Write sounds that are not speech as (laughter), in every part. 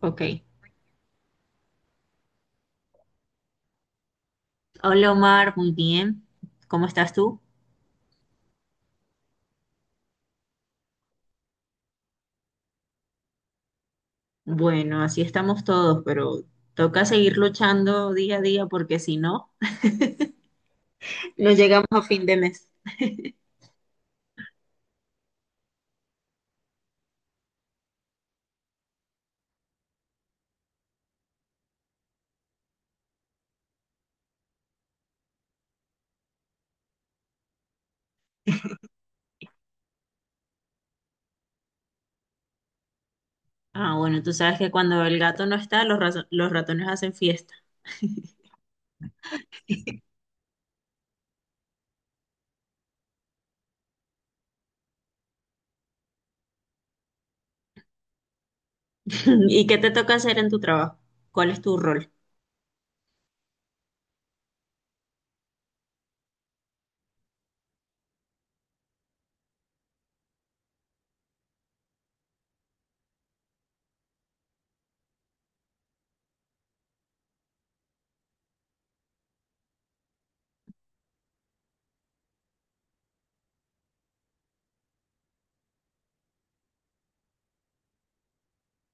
Ok. Hola Omar, muy bien. ¿Cómo estás tú? Bueno, así estamos todos, pero toca seguir luchando día a día porque si no, no llegamos a fin de mes. Ah, bueno, tú sabes que cuando el gato no está, los ratones hacen fiesta. (laughs) ¿Y qué te toca hacer en tu trabajo? ¿Cuál es tu rol?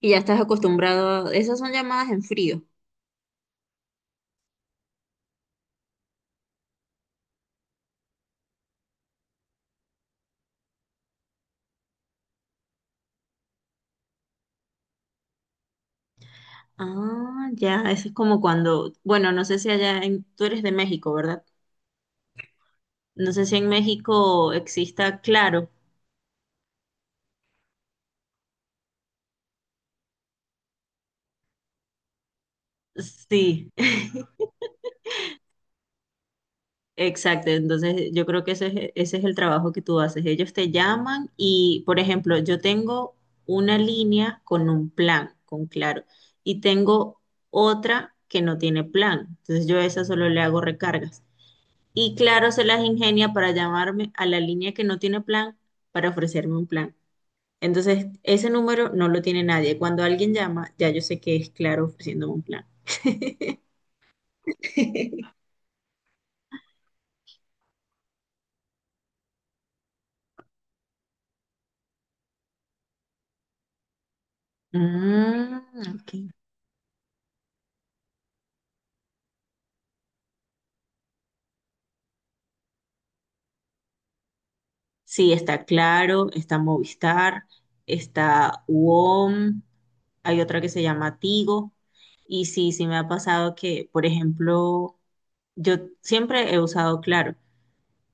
Y ya estás acostumbrado, esas son llamadas en frío. Ah, ya, eso es como cuando, bueno, no sé si tú eres de México, ¿verdad? No sé si en México exista Claro. Sí. (laughs) Exacto, entonces yo creo que ese es el trabajo que tú haces. Ellos te llaman y, por ejemplo, yo tengo una línea con un plan, con claro, y tengo otra que no tiene plan. Entonces yo a esa solo le hago recargas. Y claro, se las ingenia para llamarme a la línea que no tiene plan para ofrecerme un plan. Entonces, ese número no lo tiene nadie. Cuando alguien llama, ya yo sé que es claro ofreciéndome un plan. (laughs) Mm, ok. Sí, está Claro, está Movistar, está UOM, hay otra que se llama Tigo. Y sí, sí me ha pasado que, por ejemplo, yo siempre he usado Claro,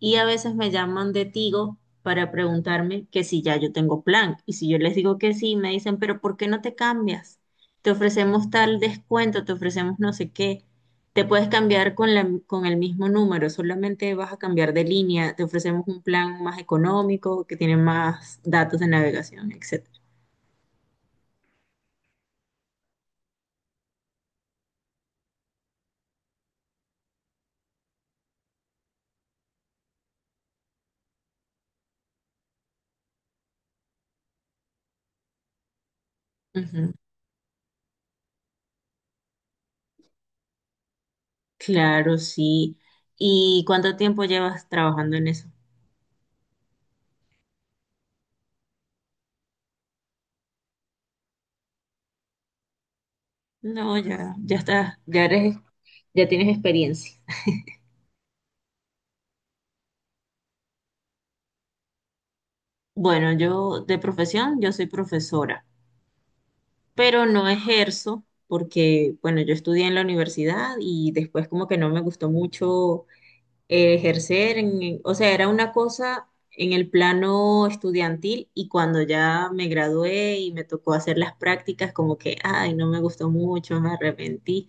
y a veces me llaman de Tigo para preguntarme que si ya yo tengo plan. Y si yo les digo que sí, me dicen, pero ¿por qué no te cambias? Te ofrecemos tal descuento, te ofrecemos no sé qué. Te puedes cambiar con con el mismo número, solamente vas a cambiar de línea, te ofrecemos un plan más económico, que tiene más datos de navegación, etcétera. Ujú. Claro, sí. ¿Y cuánto tiempo llevas trabajando en eso? No, ya, ya estás, ya eres, ya tienes experiencia. Bueno, yo de profesión, yo soy profesora, pero no ejerzo porque, bueno, yo estudié en la universidad y después como que no me gustó mucho ejercer, en- o sea, era una cosa en el plano estudiantil y cuando ya me gradué y me tocó hacer las prácticas, como que, ay, no me gustó mucho, me arrepentí.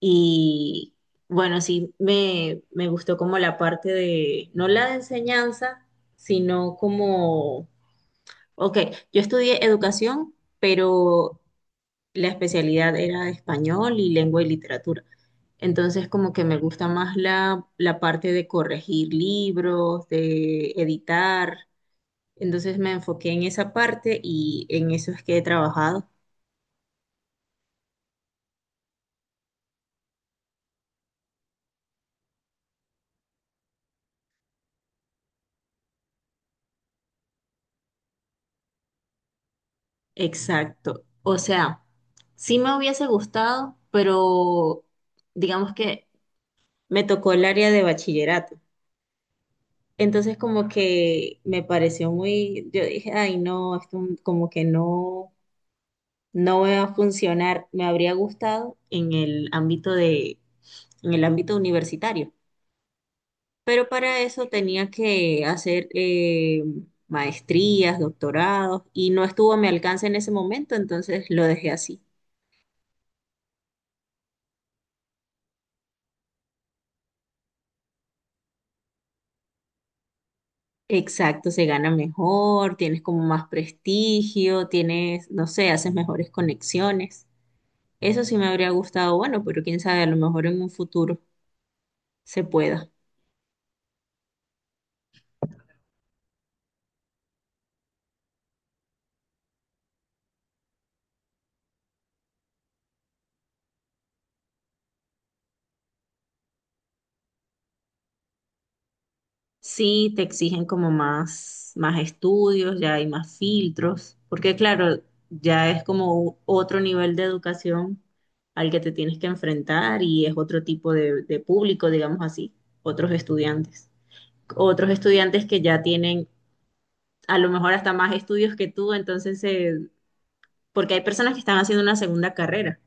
Y bueno, sí, me gustó como la parte de, no la de enseñanza, sino como, ok, yo estudié educación, pero la especialidad era español y lengua y literatura. Entonces, como que me gusta más la parte de corregir libros, de editar. Entonces me enfoqué en esa parte y en eso es que he trabajado. Exacto. O sea, sí me hubiese gustado, pero digamos que me tocó el área de bachillerato. Entonces como que me pareció muy, yo dije, ay no, esto como que no, no me va a funcionar. Me habría gustado en el ámbito de, en el ámbito universitario, pero para eso tenía que hacer maestrías, doctorados y no estuvo a mi alcance en ese momento, entonces lo dejé así. Exacto, se gana mejor, tienes como más prestigio, tienes, no sé, haces mejores conexiones. Eso sí me habría gustado, bueno, pero quién sabe, a lo mejor en un futuro se pueda. Sí, te exigen como más, más estudios, ya hay más filtros, porque claro, ya es como u- otro nivel de educación al que te tienes que enfrentar y es otro tipo de público, digamos así, otros estudiantes. Otros estudiantes que ya tienen a lo mejor hasta más estudios que tú, entonces, porque hay personas que están haciendo una segunda carrera.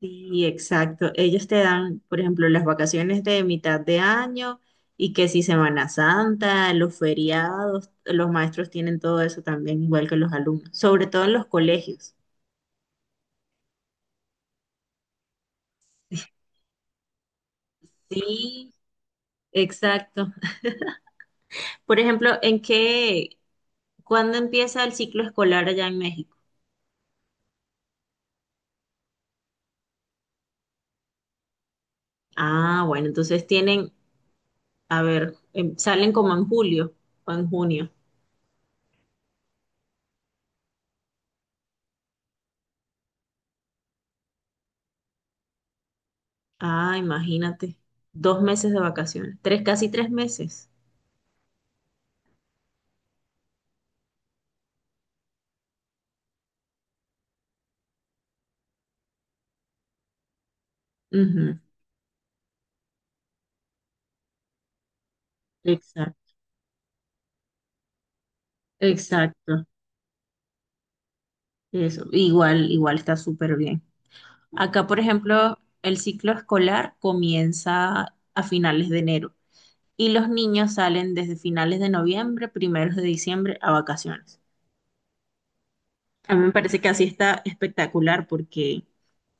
Sí, exacto. Ellos te dan, por ejemplo, las vacaciones de mitad de año y que si Semana Santa, los feriados, los maestros tienen todo eso también, igual que los alumnos, sobre todo en los colegios. Sí, exacto. Por ejemplo, ¿cuándo empieza el ciclo escolar allá en México? Ah, bueno, entonces tienen, a ver, salen como en julio o en junio. Ah, imagínate, dos meses de vacaciones, tres, casi tres meses. Ujú. Exacto. Exacto, eso, igual, igual está súper bien. Acá, por ejemplo, el ciclo escolar comienza a finales de enero y los niños salen desde finales de noviembre, primeros de diciembre a vacaciones. A mí me parece que así está espectacular porque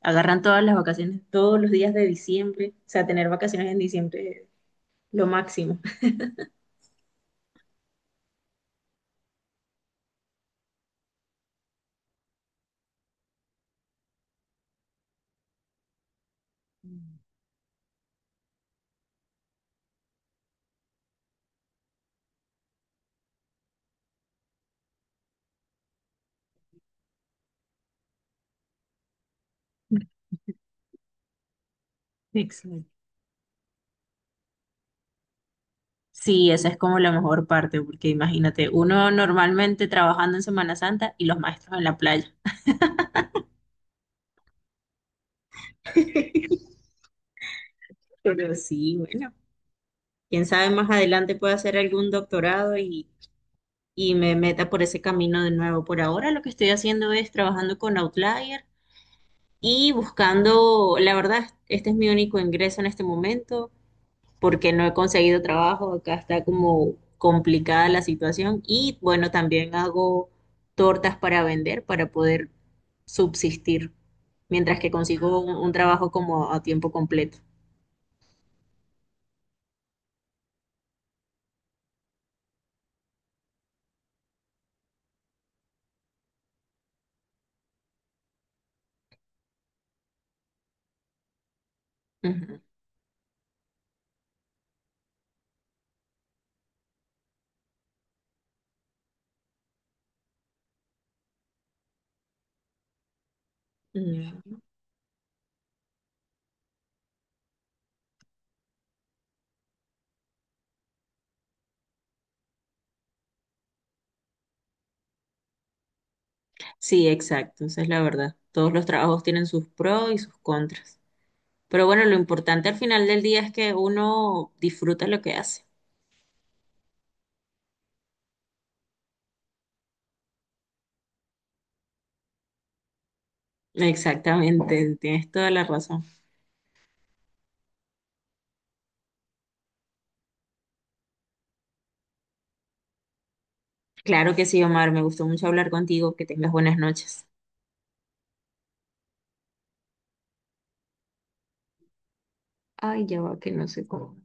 agarran todas las vacaciones, todos los días de diciembre, o sea, tener vacaciones en diciembre es lo máximo. Exacto. Sí, esa es como la mejor parte, porque imagínate, uno normalmente trabajando en Semana Santa y los maestros en la playa. (laughs) Pero sí, bueno, quién sabe, más adelante puedo hacer algún doctorado y me meta por ese camino de nuevo. Por ahora lo que estoy haciendo es trabajando con Outlier y buscando, la verdad, este es mi único ingreso en este momento porque no he conseguido trabajo, acá está como complicada la situación y bueno, también hago tortas para vender para poder subsistir mientras que consigo un trabajo como a tiempo completo. Ujú. Sí, exacto, esa es la verdad. Todos los trabajos tienen sus pros y sus contras. Pero bueno, lo importante al final del día es que uno disfruta lo que hace. Exactamente, tienes toda la razón. Claro que sí, Omar, me gustó mucho hablar contigo. Que tengas buenas noches. Ay, ya va, que no sé cómo.